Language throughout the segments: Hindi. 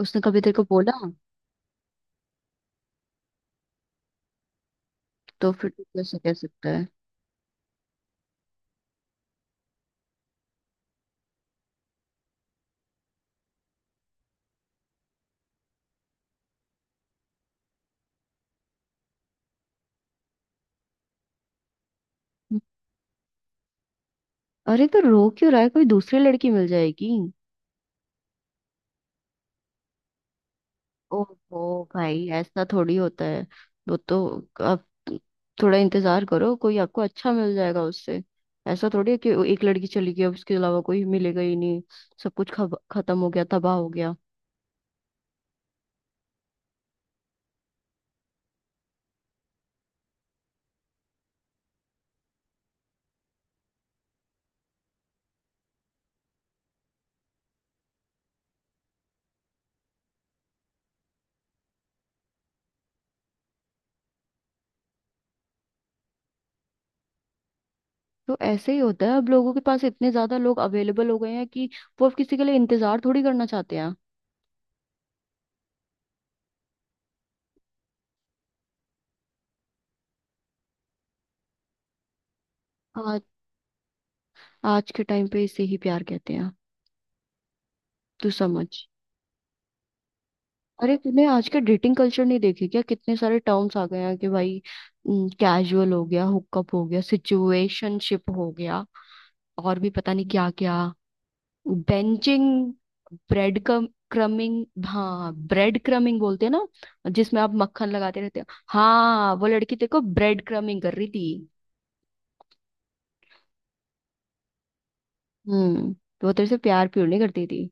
उसने कभी तेरे को बोला। तो फिर तू कैसे कह सकता है। अरे तो रो क्यों रहा है, कोई दूसरी लड़की मिल जाएगी। ओहो भाई, ऐसा थोड़ी होता है। वो तो अब थोड़ा इंतजार करो, कोई आपको अच्छा मिल जाएगा उससे। ऐसा थोड़ी है कि वो एक लड़की चली गई, अब उसके अलावा कोई मिलेगा ही नहीं, सब कुछ खत्म हो गया, तबाह हो गया। तो ऐसे ही होता है, अब लोगों के पास इतने ज्यादा लोग अवेलेबल हो गए हैं कि वो अब किसी के लिए इंतजार थोड़ी करना चाहते हैं। आज आज के टाइम पे इसे ही प्यार कहते हैं, तू समझ। अरे तूने आज के डेटिंग कल्चर नहीं देखे क्या, कितने सारे टर्म्स आ गए हैं कि भाई कैजुअल हो गया, हुकअप हो गया, सिचुएशनशिप हो गया और भी पता नहीं क्या क्या। बेंचिंग, ब्रेड कम क्रमिंग हाँ, ब्रेड क्रमिंग बोलते हैं ना, जिसमें आप मक्खन लगाते रहते हो। हाँ वो लड़की तेरे को ब्रेड क्रमिंग कर रही थी। हम्म, तो वो तेरे से प्यार प्यार नहीं करती थी।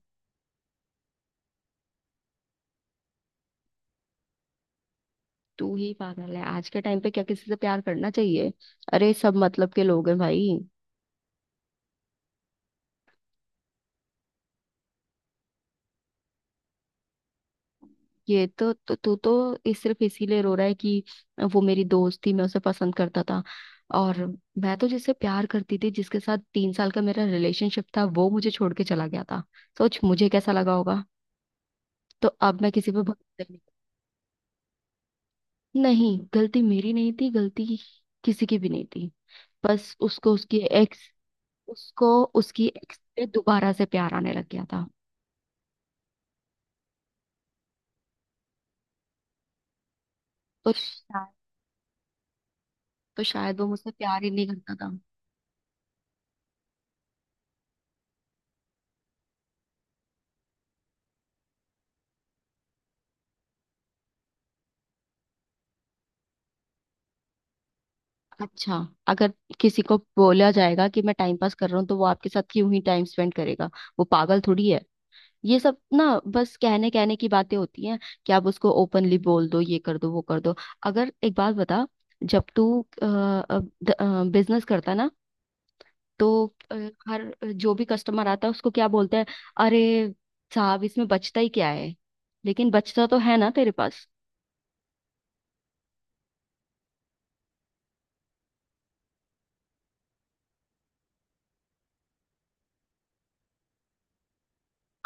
तू ही पागल है, आज के टाइम पे क्या किसी से प्यार करना चाहिए, अरे सब मतलब के लोग हैं भाई। ये तो तू तो, इस सिर्फ इसीलिए रो रहा है कि वो मेरी दोस्त थी, मैं उसे पसंद करता था। और मैं तो जिससे प्यार करती थी, जिसके साथ तीन साल का मेरा रिलेशनशिप था, वो मुझे छोड़ के चला गया था। सोच मुझे कैसा लगा होगा। तो अब मैं किसी पे भरोसा ही नहीं। नहीं गलती मेरी नहीं थी, गलती किसी की भी नहीं थी। बस उसको उसकी एक्स से दोबारा से प्यार आने लग गया था। तो शायद तो शायद वो मुझसे प्यार ही नहीं करता था। अच्छा, अगर किसी को बोला जाएगा कि मैं टाइम पास कर रहा हूँ, तो वो आपके साथ क्यों ही टाइम स्पेंड करेगा। वो पागल थोड़ी है। ये सब ना बस कहने कहने की बातें होती हैं कि आप उसको ओपनली बोल दो, ये कर दो, वो कर दो। अगर एक बात बता, जब तू बिजनेस करता ना, तो अ, हर जो भी कस्टमर आता है उसको क्या बोलता है, अरे साहब इसमें बचता ही क्या है। लेकिन बचता तो है ना तेरे पास।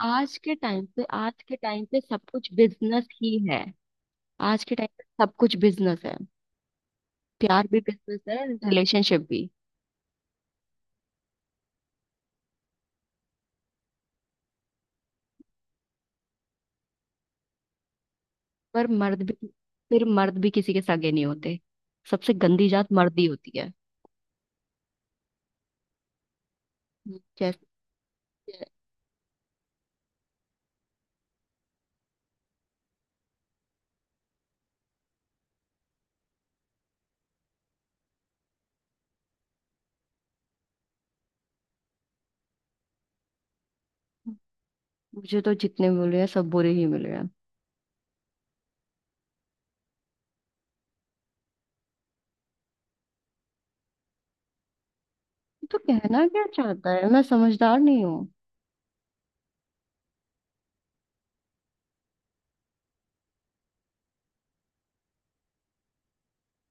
आज के टाइम पे सब कुछ बिजनेस ही है। आज के टाइम पे सब कुछ बिजनेस है, प्यार भी बिजनेस है, रिलेशनशिप भी। पर मर्द भी फिर मर्द भी किसी के सगे नहीं होते। सबसे गंदी जात मर्दी होती है। जैसे मुझे तो जितने मिले हैं सब बुरे ही मिले हैं। तो कहना क्या चाहता है, मैं समझदार नहीं हूँ।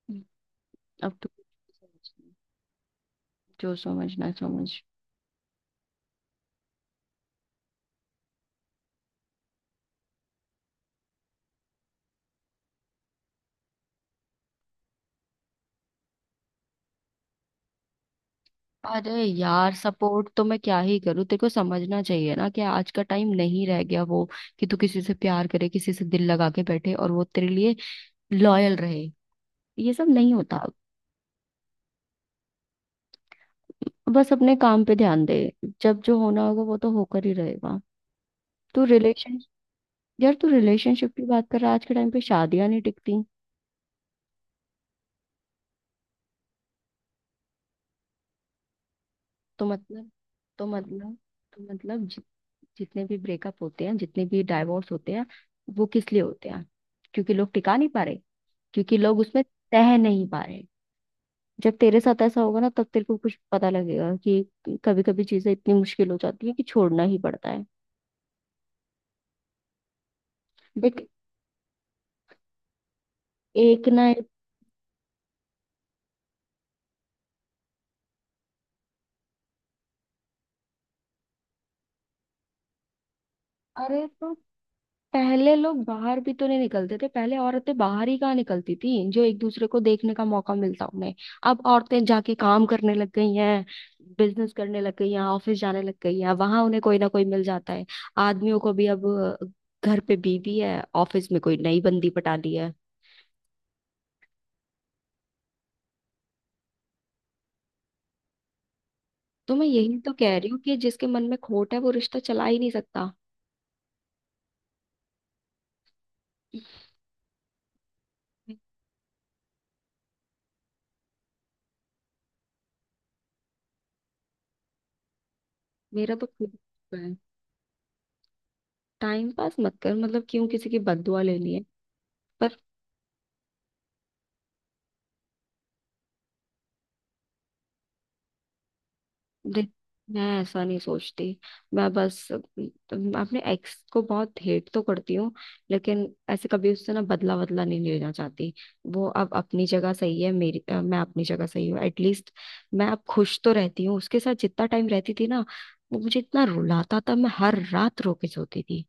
हम्म, अब तो समझ, जो समझना है समझ। अरे यार सपोर्ट तो मैं क्या ही करूँ, तेरे को समझना चाहिए ना कि आज का टाइम नहीं रह गया वो, कि तू किसी से प्यार करे, किसी से दिल लगा के बैठे और वो तेरे लिए लॉयल रहे। ये सब नहीं होता। बस अपने काम पे ध्यान दे, जब जो होना होगा वो तो होकर ही रहेगा। तू रिलेशन तू रिलेशनशिप की बात कर रहा है, आज के टाइम पे शादियां नहीं टिकती। तो मतलब तो मतलब तो मतलब जि, जितने भी ब्रेकअप होते हैं, जितने भी डाइवोर्स होते हैं, वो किस लिए होते हैं, क्योंकि लोग टिका नहीं पा रहे, क्योंकि लोग उसमें तह नहीं पा रहे। जब तेरे साथ ऐसा होगा ना तब तेरे को कुछ पता लगेगा कि कभी कभी चीजें इतनी मुश्किल हो जाती है कि छोड़ना ही पड़ता है। देख, एक ना एक। अरे तो पहले लोग बाहर भी तो नहीं निकलते थे, पहले औरतें बाहर ही कहाँ निकलती थी, जो एक दूसरे को देखने का मौका मिलता उन्हें। अब औरतें जाके काम करने लग गई हैं, बिजनेस करने लग गई हैं, ऑफिस जाने लग गई हैं, वहां उन्हें कोई ना कोई मिल जाता है। आदमियों को भी अब घर पे बीवी है, ऑफिस में कोई नई बंदी पटा ली है। तो मैं यही तो कह रही हूँ कि जिसके मन में खोट है वो रिश्ता चला ही नहीं सकता। मेरा तो खुद है। टाइम पास मत कर, मतलब क्यों किसी की बददुआ लेनी है। देख, मैं ऐसा नहीं सोचती, मैं बस, मैं अपने एक्स को बहुत हेट तो करती हूँ, लेकिन ऐसे कभी उससे ना बदला बदला नहीं लेना चाहती। वो अब अपनी जगह सही है, मैं अपनी जगह सही हूँ एटलीस्ट। मैं अब खुश तो रहती हूँ, उसके साथ जितना टाइम रहती थी ना वो मुझे इतना रुलाता था, मैं हर रात रो के सोती थी।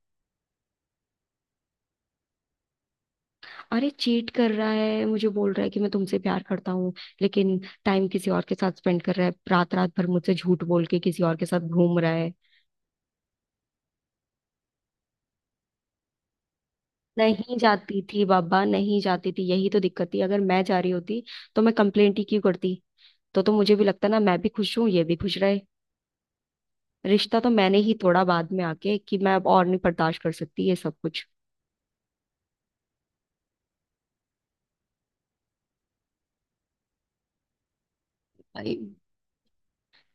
अरे चीट कर रहा है, मुझे बोल रहा है कि मैं तुमसे प्यार करता हूँ, लेकिन टाइम किसी और के साथ स्पेंड कर रहा है, रात रात भर मुझसे झूठ बोल के किसी और के साथ घूम रहा है। नहीं जाती थी बाबा, नहीं जाती थी, यही तो दिक्कत थी। अगर मैं जा रही होती तो मैं कंप्लेंट ही क्यों करती। तो मुझे भी लगता ना मैं भी खुश हूँ, ये भी खुश रहे। रिश्ता तो मैंने ही तोड़ा बाद में आके कि मैं अब और नहीं बर्दाश्त कर सकती ये सब कुछ। भाई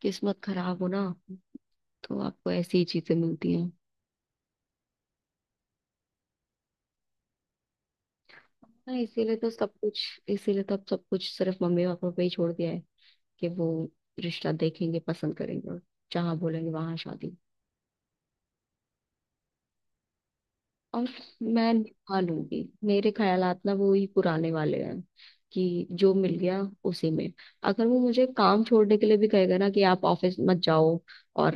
किस्मत खराब हो ना तो आपको ऐसी ही चीजें मिलती हैं। हाँ इसीलिए तो अब सब कुछ सिर्फ मम्मी पापा पे ही छोड़ दिया है कि वो रिश्ता देखेंगे, पसंद करेंगे और जहाँ बोलेंगे वहां शादी। और मैं निभा लूंगी, मेरे ख्यालात ना वो ही पुराने वाले हैं कि जो मिल गया उसी में। अगर वो मुझे काम छोड़ने के लिए भी कहेगा ना कि आप ऑफिस मत जाओ और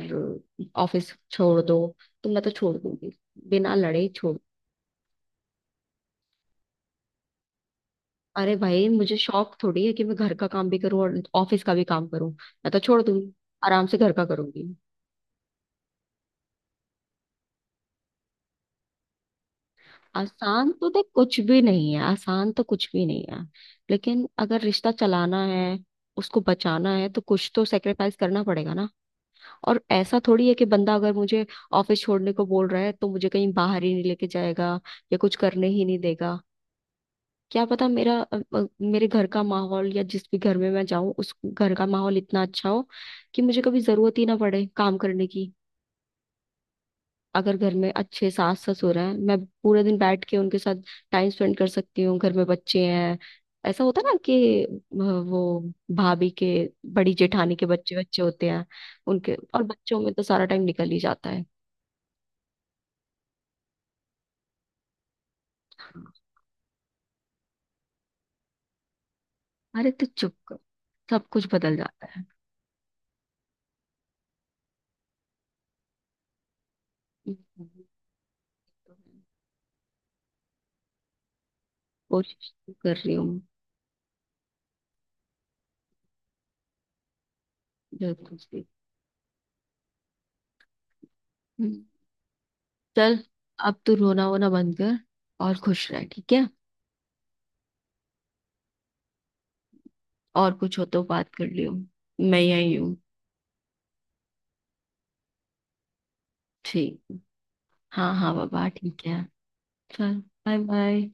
ऑफिस छोड़ दो, तो मैं तो छोड़ दूंगी, बिना लड़े छोड़। अरे भाई मुझे शौक थोड़ी है कि मैं घर का काम भी करूं और ऑफिस का भी काम करूं, मैं तो छोड़ दूंगी, आराम से घर का करूंगी। आसान तो देख कुछ भी नहीं है, आसान तो कुछ भी नहीं है, लेकिन अगर रिश्ता चलाना है, उसको बचाना है, तो कुछ तो सेक्रीफाइस करना पड़ेगा ना। और ऐसा थोड़ी है कि बंदा अगर मुझे ऑफिस छोड़ने को बोल रहा है तो मुझे कहीं बाहर ही नहीं लेके जाएगा या कुछ करने ही नहीं देगा। क्या पता मेरे घर का माहौल या जिस भी घर में मैं जाऊं उस घर का माहौल इतना अच्छा हो कि मुझे कभी जरूरत ही ना पड़े काम करने की। अगर घर में अच्छे सास ससुर हैं, मैं पूरे दिन बैठ के उनके साथ टाइम स्पेंड कर सकती हूँ। घर में बच्चे हैं, ऐसा होता है ना कि वो भाभी के, बड़ी जेठानी के बच्चे बच्चे होते हैं, उनके और बच्चों में तो सारा टाइम निकल ही जाता है। अरे तो चुप कर, सब कुछ बदल जाता है। तो है। कोशिश तो कर रही हूँ। जो कुछ भी। हम्म, चल, अब तू रोना वोना बंद कर और खुश रह, ठीक है। और कुछ हो तो बात कर लियो, मैं यही हूँ। ठीक। हाँ हाँ बाबा ठीक है। चल, बाय बाय।